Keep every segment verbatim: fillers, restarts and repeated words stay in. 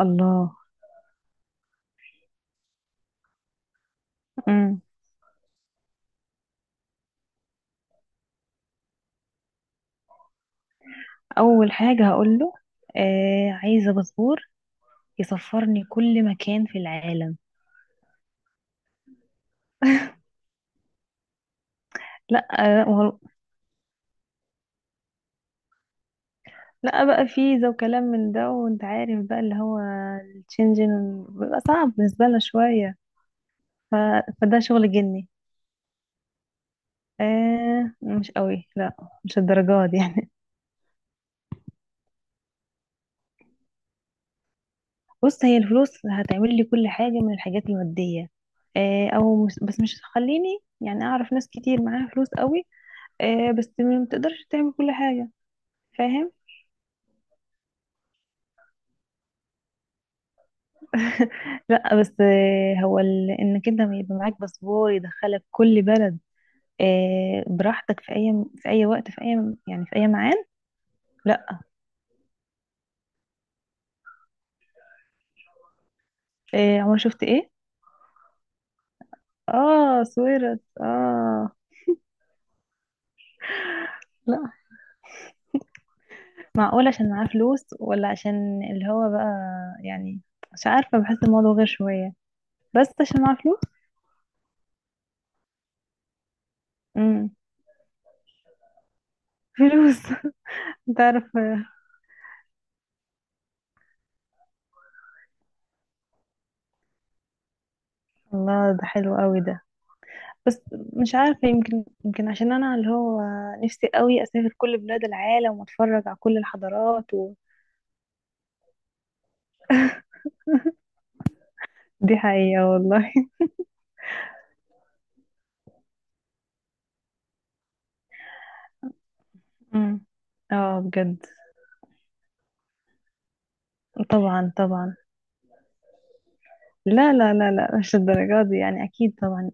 الله. امم. اول حاجه هقول له، آه عايزه باسبور يسفرني كل مكان في العالم. لا. آه، لا وهو- لا بقى فيزا وكلام من ده، وانت عارف بقى اللي هو الشنجن بيبقى صعب بالنسبه لنا شويه. ف... فده شغل جني. آه مش قوي، لا. مش الدرجات دي يعني. بص، هي الفلوس هتعمل لي كل حاجه من الحاجات الماديه. آه او مش... بس مش هتخليني، يعني اعرف ناس كتير معاها فلوس قوي. آه بس ما تقدرش تعمل كل حاجه. فاهم. لا بس، آه، هو ال- انك انت ما يبقى معاك باسبور يدخلك كل بلد. آه، براحتك في اي، في اي وقت، في اي، يعني في اي معاد. لا. آه، عمر شفت ايه؟ اه، سويرت، اه. لا. معقول عشان معاه فلوس ولا عشان اللي هو بقى. يعني مش عارفه، بحس الموضوع غير شويه. بس عشان معاه فلوس. امم. فلوس. تعرف آه، الله، ده حلو قوي ده. بس مش عارفة، يمكن يمكن عشان أنا اللي هو نفسي قوي أسافر كل بلاد العالم وأتفرج على كل الحضارات و... دي حقيقة والله. امم، اه بجد. طبعا، طبعا. لا لا لا لا، مش الدرجات دي يعني، أكيد طبعا.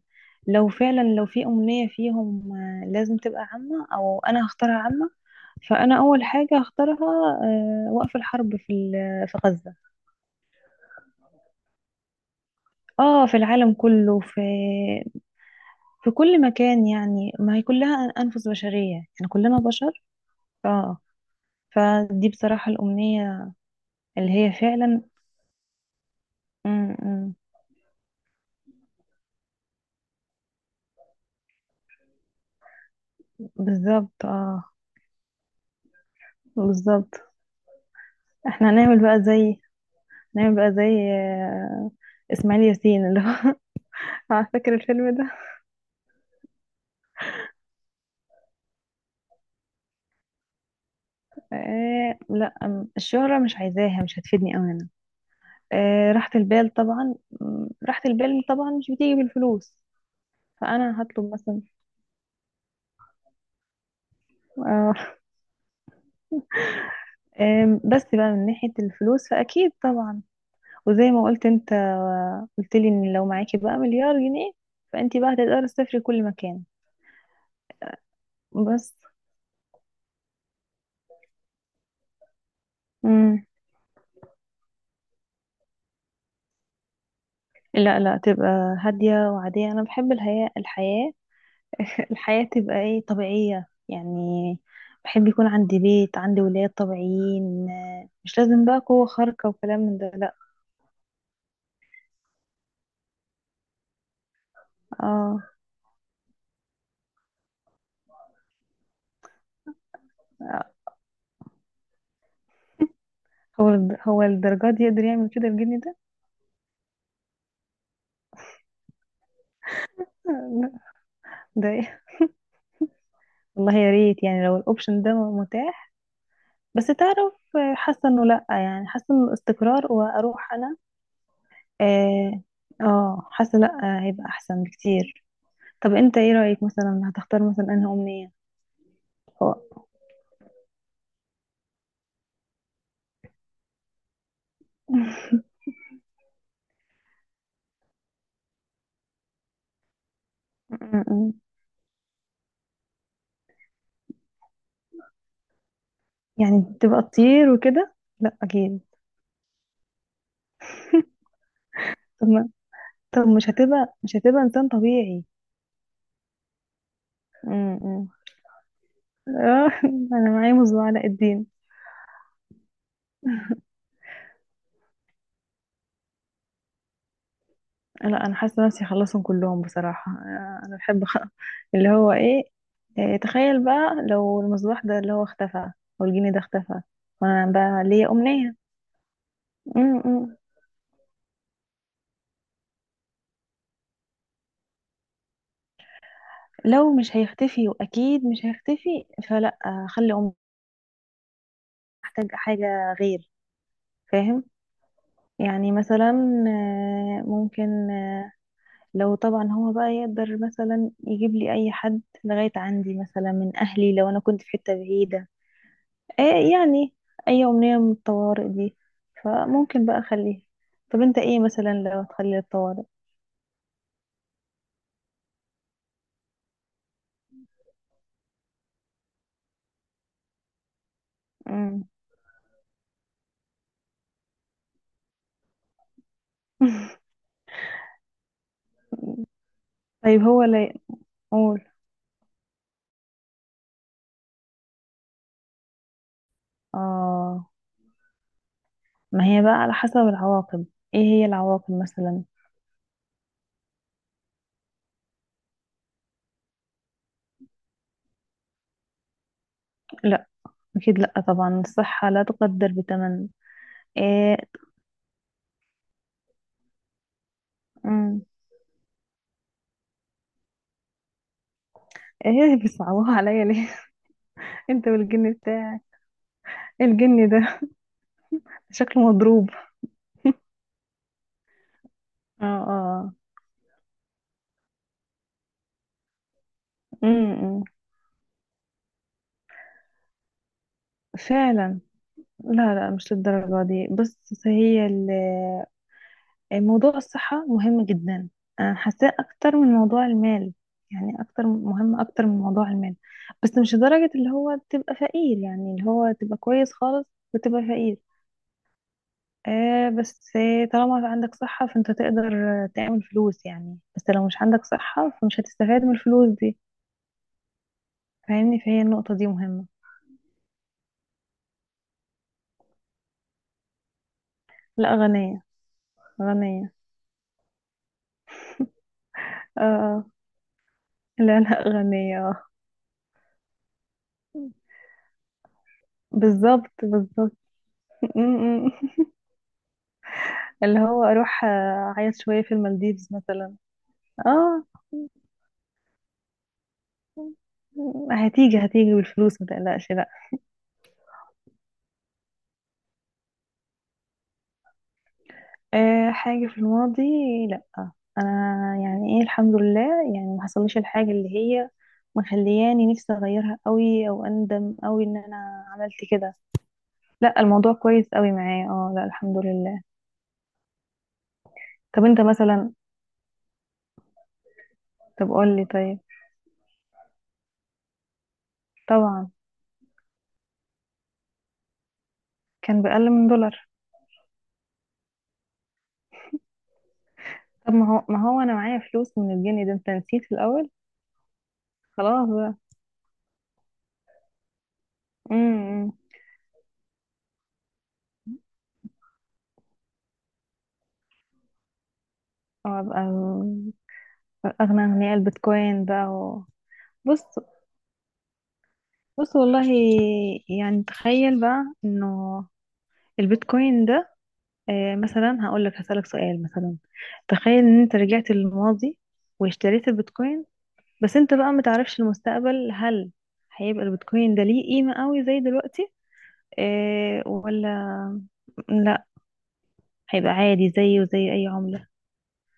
لو فعلا لو في أمنية فيهم، آه، لازم تبقى عامة، أو أنا هختارها عامة. فأنا أول حاجة هختارها، آه، وقف الحرب في ال- في غزة. اه، في العالم كله. في في كل مكان يعني، ما هي كلها أنفس بشرية، يعني كلنا بشر. اه، فدي بصراحة الأمنية اللي هي فعلا م- م. بالظبط، اه، بالظبط. احنا هنعمل بقى زي هنعمل بقى زي آه، إسماعيل ياسين، اللي هو على، فاكر الفيلم ده؟ آه لا، أم- الشهرة مش عايزاها، مش هتفيدني أوي أنا. آه راحة البال طبعا. م، راحة البال طبعا مش بتيجي بالفلوس. فأنا هطلب مثلا. آه آم، بس بقى من ناحية الفلوس فأكيد طبعا. وزي ما قلت انت، قلت لي ان لو معاكي بقى مليار جنيه، فانت بقى هتقدري تسافري كل مكان. بس. مم. لا لا، تبقى هادية وعادية. انا بحب الحياة. الحياة الحياة تبقى ايه، طبيعية يعني. بحب يكون عندي بيت، عندي ولاد طبيعيين. مش لازم بقى قوة خارقة وكلام من ده، لا. اه، هو هو الدرجات دي يقدر يعمل كده الجني ده؟ لا، ده ايه؟ والله يا ريت، يعني لو الاوبشن ده متاح. بس تعرف، آه، حاسه انه لا يعني حاسه انه الاستقرار، واروح انا. اه. آه، حاسه، لا، آه، هيبقى احسن بكتير. طب انت ايه رايك، مثلا هتختار مثلا انهي امنيه؟ هو- م-م. يعني تبقى تطير وكده، لا اكيد. طب ما طب مش هتبقى مش هتبقى انسان طبيعي. م- م. آه، انا معايا مصباح علاء الدين. لا، انا حاسه نفسي اخلصهم كلهم بصراحه، آه، انا بحب أخ- اللي هو ايه. آه، تخيل بقى لو المصباح ده اللي هو اختفى، او الجني ده اختفى، وانا بقى ليا امنيه. م- م. لو مش هيختفي، واكيد مش هيختفي، فلا، آه، خلي امنيه احتاج حاجه غير. فاهم. يعني مثلا، آه، ممكن. آه، لو طبعا هو بقى يقدر مثلا يجيب لي اي حد لغايه عندي مثلا من اهلي، لو انا كنت في حته بعيده. ايه يعني، اي امنية من الطوارئ دي، فممكن بقى اخليها. طب انت ايه مثلا لو تخلي الطوارئ؟ مم. طيب، هو، لا يقول. اه، ما هي بقى على حسب العواقب. ايه هي العواقب مثلا؟ لا، اكيد لا، طبعا الصحة لا تقدر بثمن. ايه. مم. ايه بيصعبوها عليا ليه؟ انت والجن بتاع الجن ده شكله مضروب. اه، اه. امم. فعلا. لا لا، مش للدرجة دي، بس هي ال موضوع الصحة مهم جدا. أنا حاساه أكتر من موضوع المال، يعني أكتر مهم أكتر من موضوع المال. بس مش لدرجة اللي هو تبقى فقير، يعني اللي هو تبقى كويس خالص وتبقى فقير. آه بس طالما عندك صحة، فأنت تقدر تعمل فلوس يعني. بس لو مش عندك صحة، فمش هتستفاد من الفلوس دي. فاهمني، فهي النقطة دي مهمة. لا، غنية. غنية. آه لا لا، غنية آه. بالظبط، بالظبط. اللي هو اروح، آه، اعيط شويه في المالديفز مثلا. اه، هتيجي هتيجي بالفلوس، ما تقلقش، لا. أه، حاجه في الماضي؟ لا، انا يعني، ايه، الحمد لله. يعني ما حصلش الحاجه اللي هي مخلياني نفسي اغيرها قوي، او اندم قوي ان انا عملت كده. لا، الموضوع كويس قوي معايا، اه، لا، الحمد لله. طب انت مثلا. طب قول لي طيب. طبعا. كان بأقل من دولار. طب ما هو، ما هو انا معايا فلوس من الجنيه ده، انت نسيت في الاول. خلاص بقى. امم، إمم. وابقى اغنى اغنياء البيتكوين بقى و... بص، بص، والله. يعني تخيل بقى انه البيتكوين ده، آه، مثلا هقول لك هسألك سؤال مثلا. تخيل ان انت رجعت للماضي واشتريت البيتكوين، بس انت بقى متعرفش المستقبل. هل هيبقى البيتكوين ده ليه قيمة قوي زي دلوقتي؟ اه، ولا لا. هيبقى عادي، زيه زي اي عملة.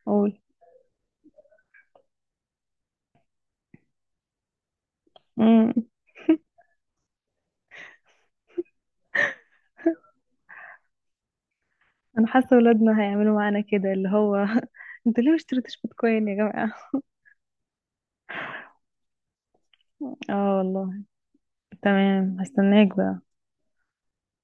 قول. مم. انا حاسة ولادنا هيعملوا معانا كده، اللي هو انتوا ليه ما اشتريتوش بيتكوين يا جماعة؟ اه، والله. تمام، هستناك بقى.